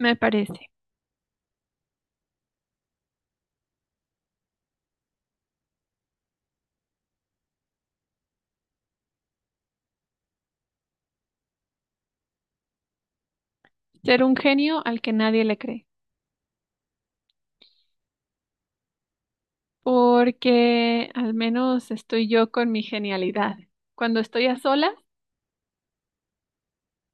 Me parece ser un genio al que nadie le cree, porque al menos estoy yo con mi genialidad. Cuando estoy a solas,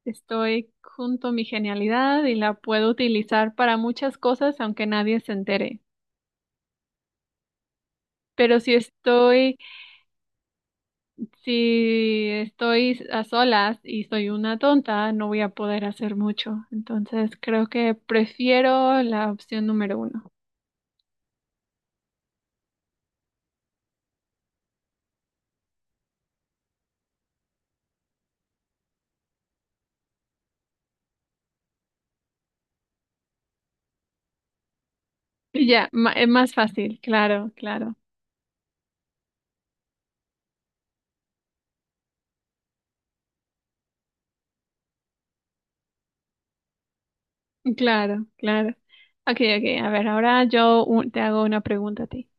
estoy junto a mi genialidad y la puedo utilizar para muchas cosas aunque nadie se entere. Pero si estoy a solas y soy una tonta, no voy a poder hacer mucho. Entonces creo que prefiero la opción número uno. Y ya, es más fácil, claro, claro. Claro, claro. Ok, ok. A ver, ahora yo te hago una pregunta a ti.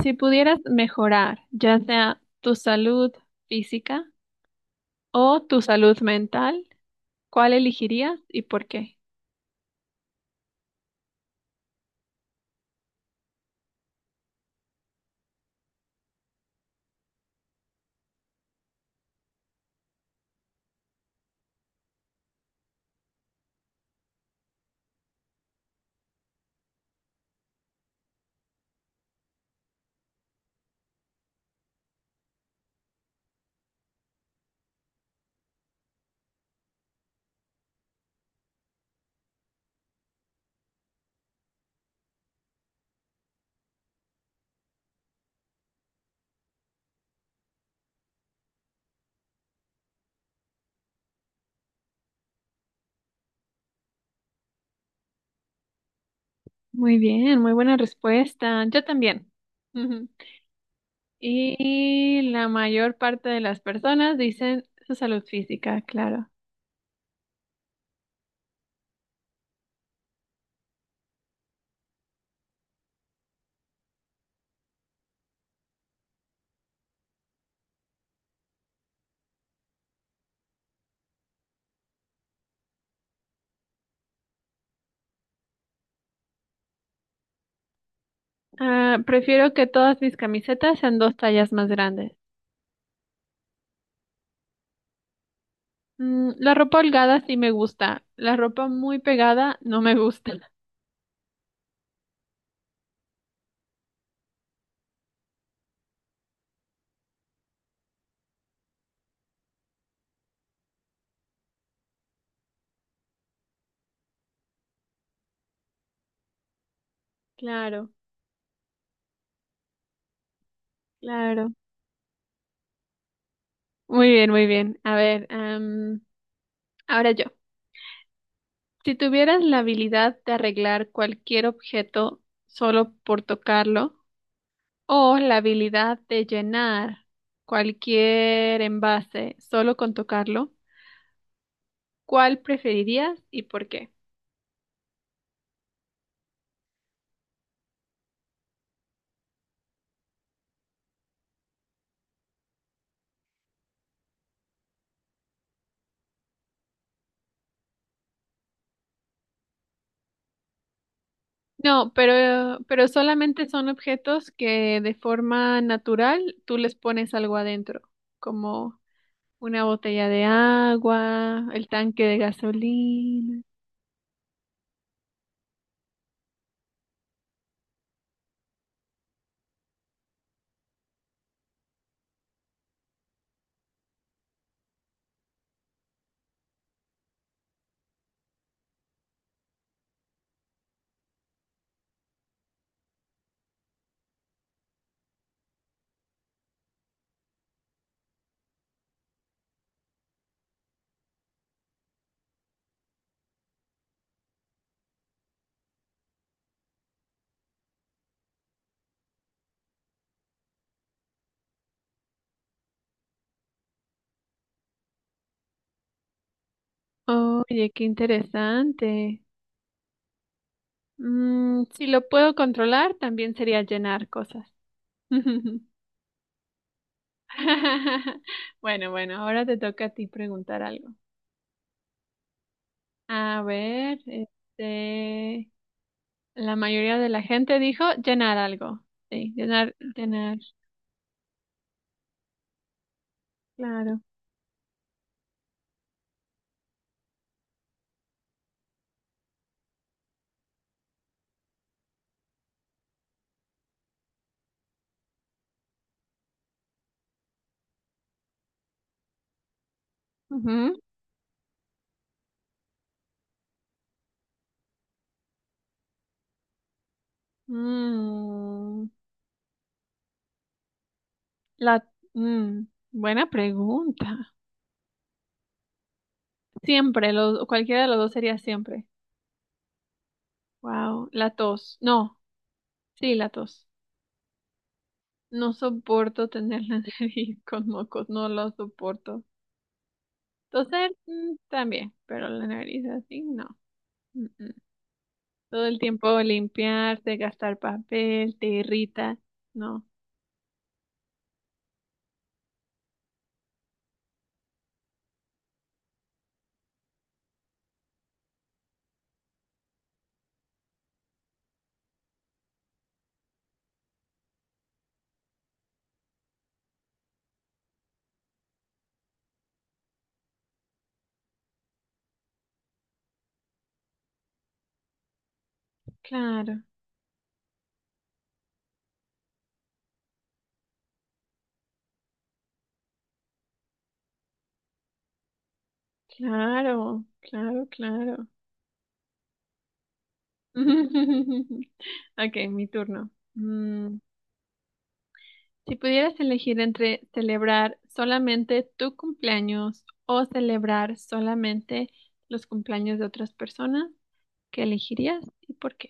Si pudieras mejorar, ya sea tu salud física o tu salud mental, ¿cuál elegirías y por qué? Muy bien, muy buena respuesta. Yo también. Ujú. Y la mayor parte de las personas dicen su salud física, claro. Ah, prefiero que todas mis camisetas sean dos tallas más grandes. La ropa holgada sí me gusta, la ropa muy pegada no me gusta. Claro, claro. Muy bien, muy bien. A ver, ahora yo. Si tuvieras la habilidad de arreglar cualquier objeto solo por tocarlo, o la habilidad de llenar cualquier envase solo con tocarlo, ¿cuál preferirías y por qué? No, pero solamente son objetos que de forma natural tú les pones algo adentro, como una botella de agua, el tanque de gasolina. Oye, qué interesante. Si lo puedo controlar, también sería llenar cosas. Bueno, bueno, ahora te toca a ti preguntar algo. A ver, este, la mayoría de la gente dijo llenar algo. Sí, llenar, llenar. Claro. Ujú. Mm, la, mm, Buena pregunta. Siempre, cualquiera de los dos sería siempre. Wow, la tos. No, sí, la tos. No soporto tener la nariz con mocos, no lo soporto. Toser, también, pero la nariz así, no. Mm, mm. Todo el tiempo limpiarte, gastar papel, te irrita. No. Claro, claro, claro, claro. Ok, mi turno. Mm, si pudieras elegir entre celebrar solamente tu cumpleaños o celebrar solamente los cumpleaños de otras personas, ¿qué elegirías y por qué?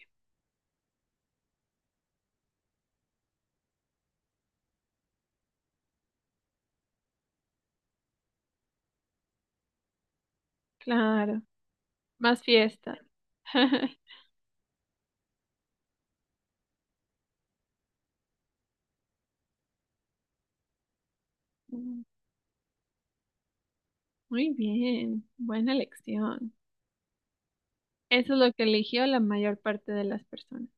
Claro, más fiesta. Mm, Muy bien, buena elección. Eso es lo que eligió la mayor parte de las personas, sí.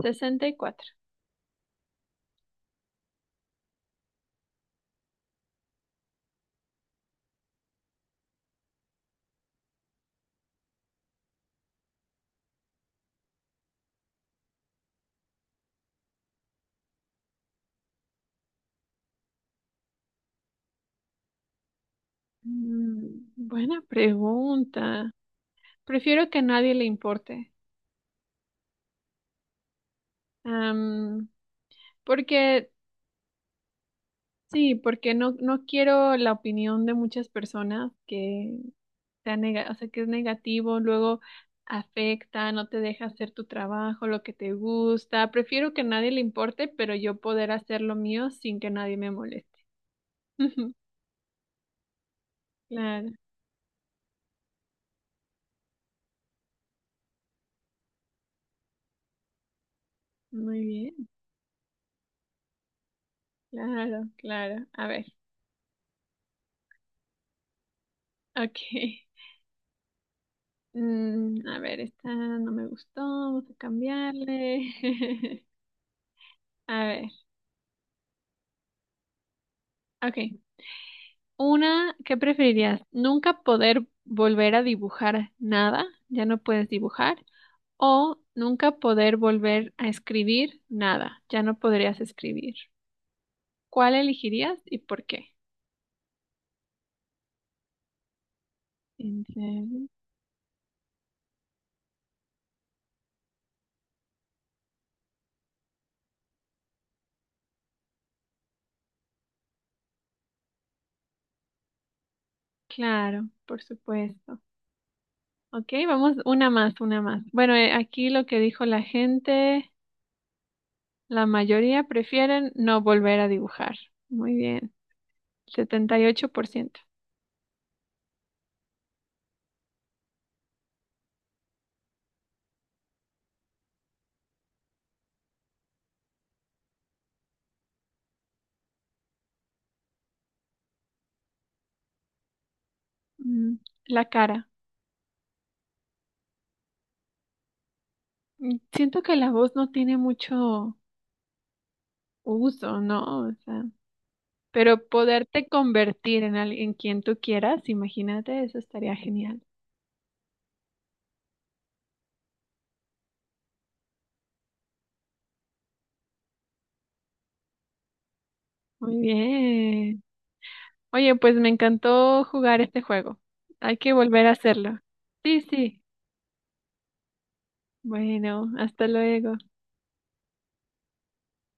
64. Mm, buena pregunta. Prefiero que a nadie le importe. Am, porque, sí, porque no quiero la opinión de muchas personas que sea o sea, que es negativo, luego afecta, no te deja hacer tu trabajo, lo que te gusta. Prefiero que a nadie le importe, pero yo poder hacer lo mío sin que nadie me moleste. Claro, muy bien, claro, claro. A ver, ok. Mm, a ver, esta no me gustó, vamos a cambiarle. A ver, ok. Una, ¿qué preferirías? ¿Nunca poder volver a dibujar nada? Ya no puedes dibujar. ¿O nunca poder volver a escribir nada? Ya no podrías escribir. ¿Cuál elegirías y por qué? ¿En serio? Claro, por supuesto. Ok, vamos una más, una más. Bueno, aquí lo que dijo la gente, la mayoría prefieren no volver a dibujar. Muy bien, 78%. Mm, la cara. Siento que la voz no tiene mucho uso, ¿no? O sea, pero poderte convertir en alguien quien tú quieras, imagínate, eso estaría genial. Muy bien. Oye, pues me encantó jugar este juego. Hay que volver a hacerlo. Sí, sí. Bueno, hasta luego.